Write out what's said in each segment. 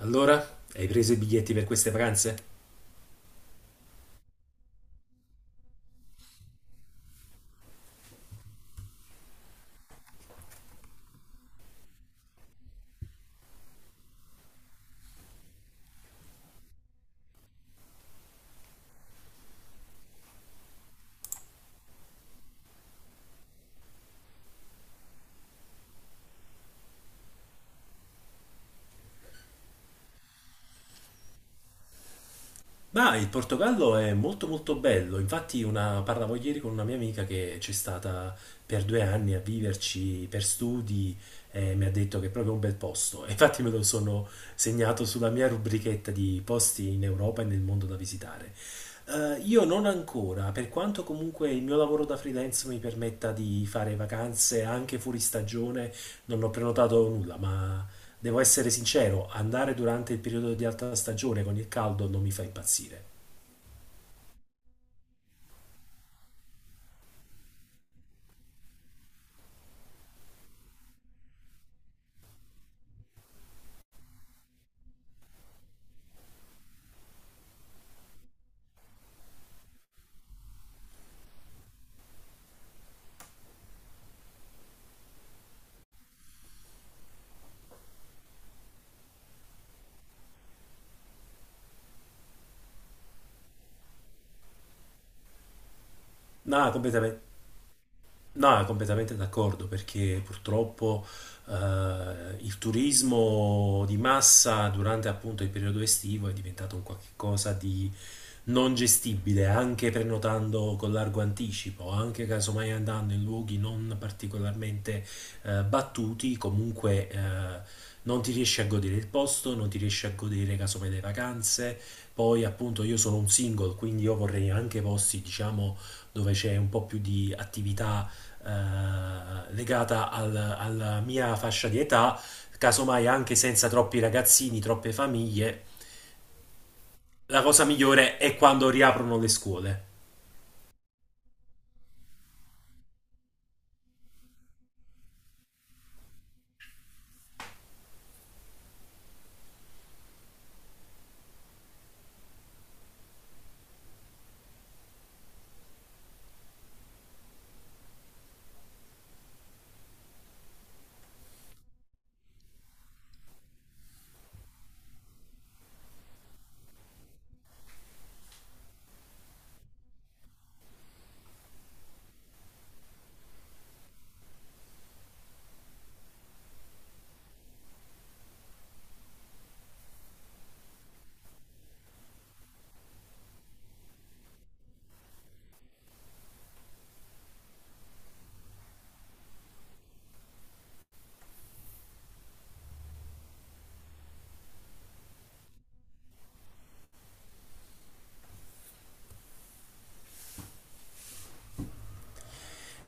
Allora, hai preso i biglietti per queste pranze? Ma il Portogallo è molto molto bello, infatti parlavo ieri con una mia amica che c'è stata per 2 anni a viverci per studi e mi ha detto che è proprio un bel posto. E infatti me lo sono segnato sulla mia rubrichetta di posti in Europa e nel mondo da visitare. Io non ancora, per quanto comunque il mio lavoro da freelance mi permetta di fare vacanze anche fuori stagione, non ho prenotato nulla, ma devo essere sincero, andare durante il periodo di alta stagione con il caldo non mi fa impazzire. No, completamente. No, completamente d'accordo, perché purtroppo eh, il turismo di massa durante appunto il periodo estivo è diventato un qualche cosa di non gestibile, anche prenotando con largo anticipo, anche casomai andando in luoghi non particolarmente battuti, comunque non ti riesci a godere il posto, non ti riesci a godere casomai le vacanze. Poi appunto io sono un single, quindi io vorrei anche posti, diciamo, dove c'è un po' più di attività legata alla mia fascia di età, casomai anche senza troppi ragazzini, troppe famiglie. La cosa migliore è quando riaprono le scuole.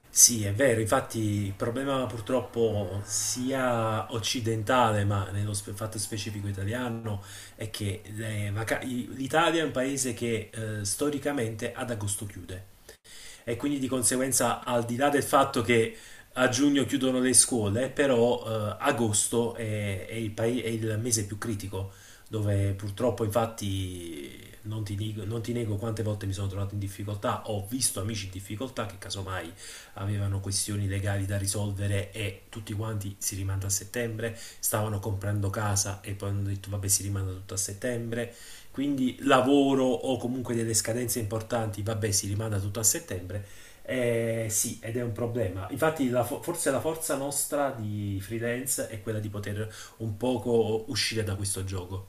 Sì, è vero, infatti il problema purtroppo sia occidentale, ma fatto specifico italiano, è che l'Italia è un paese che storicamente ad agosto chiude. E quindi di conseguenza, al di là del fatto che a giugno chiudono le scuole, però agosto è il mese più critico, dove purtroppo infatti non ti nego quante volte mi sono trovato in difficoltà, ho visto amici in difficoltà che casomai avevano questioni legali da risolvere e tutti quanti si rimanda a settembre, stavano comprando casa e poi hanno detto vabbè si rimanda tutto a settembre, quindi lavoro o comunque delle scadenze importanti, vabbè, si rimanda tutto a settembre. Sì, ed è un problema. Infatti, forse la forza nostra di freelance è quella di poter un poco uscire da questo gioco.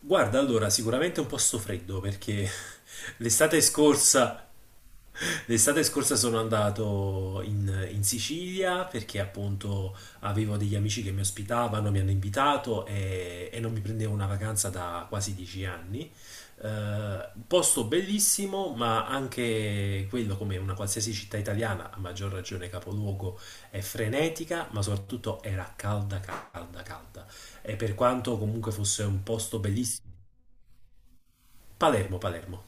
Guarda, allora, sicuramente è un posto freddo perché l'estate scorsa L'estate scorsa sono andato in Sicilia perché appunto avevo degli amici che mi ospitavano, mi hanno invitato e non mi prendevo una vacanza da quasi 10 anni. Posto bellissimo, ma anche quello, come una qualsiasi città italiana, a maggior ragione capoluogo, è frenetica, ma soprattutto era calda, calda, calda. E per quanto comunque fosse un posto bellissimo, Palermo, Palermo.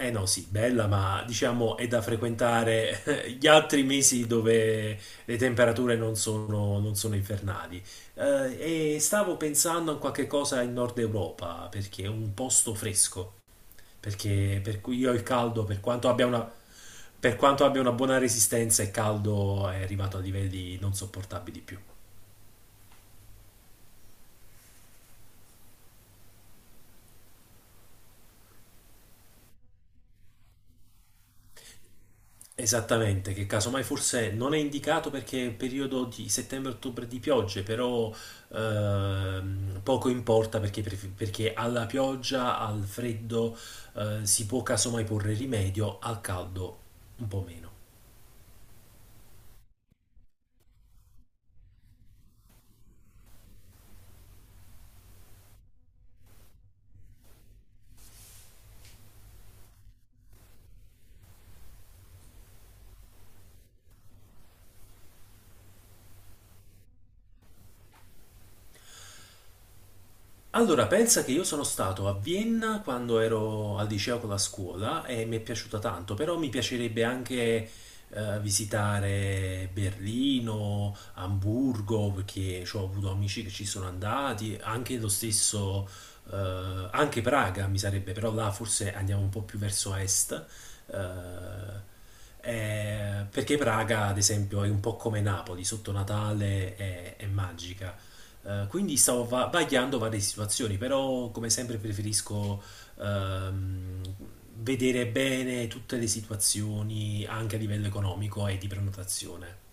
Eh no, sì, bella, ma diciamo è da frequentare gli altri mesi dove le temperature non sono infernali. E stavo pensando a qualche cosa in Nord Europa, perché è un posto fresco, per cui io il caldo, per quanto abbia una buona resistenza, il caldo è arrivato a livelli non sopportabili più. Esattamente, che casomai forse non è indicato perché è un periodo di settembre-ottobre di piogge, però poco importa perché alla pioggia, al freddo si può casomai porre rimedio, al caldo un po' meno. Allora, pensa che io sono stato a Vienna quando ero al liceo con la scuola e mi è piaciuta tanto, però mi piacerebbe anche visitare Berlino, Amburgo, perché ci ho avuto amici che ci sono andati, anche lo stesso, anche Praga mi sarebbe, però là forse andiamo un po' più verso est, eh, perché Praga, ad esempio, è un po' come Napoli, sotto Natale è magica. Quindi stavo vagliando varie situazioni, però come sempre preferisco ehm, vedere bene tutte le situazioni anche a livello economico e di prenotazione.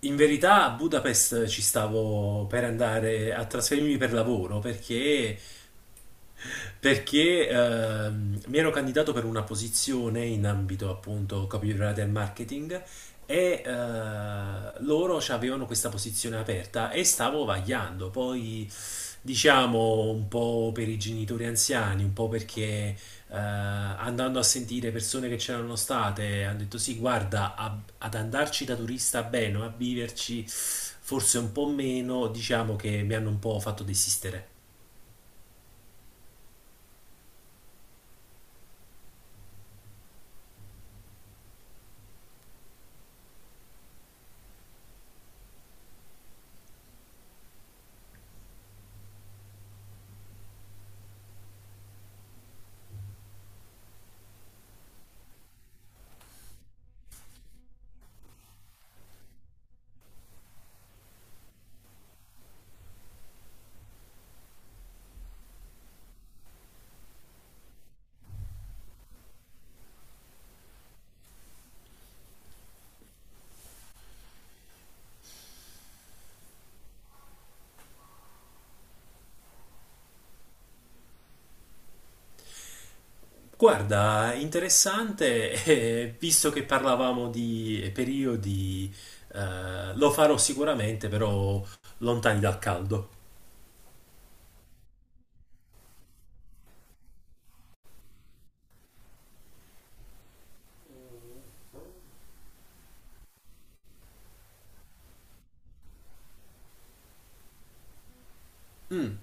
In verità a Budapest ci stavo per andare a trasferirmi per lavoro perché mi ero candidato per una posizione in ambito appunto copywriter e marketing e loro avevano questa posizione aperta e stavo vagliando. Poi diciamo un po' per i genitori anziani, un po' perché eh, andando a sentire persone che c'erano state hanno detto sì, guarda, ad andarci da turista bene, a viverci forse un po' meno, diciamo che mi hanno un po' fatto desistere. Guarda, interessante, visto che parlavamo di periodi, lo farò sicuramente, però lontani dal caldo. Mm.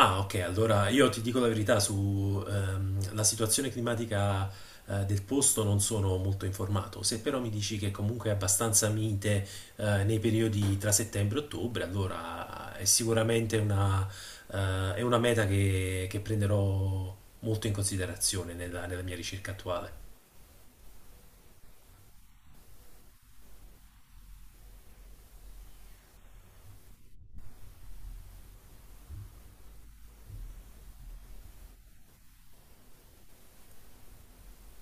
Ah, ok, allora io ti dico la verità su la situazione climatica del posto non sono molto informato. Se però mi dici che comunque è abbastanza mite nei periodi tra settembre e ottobre, allora è sicuramente una meta che prenderò molto in considerazione nella mia ricerca attuale.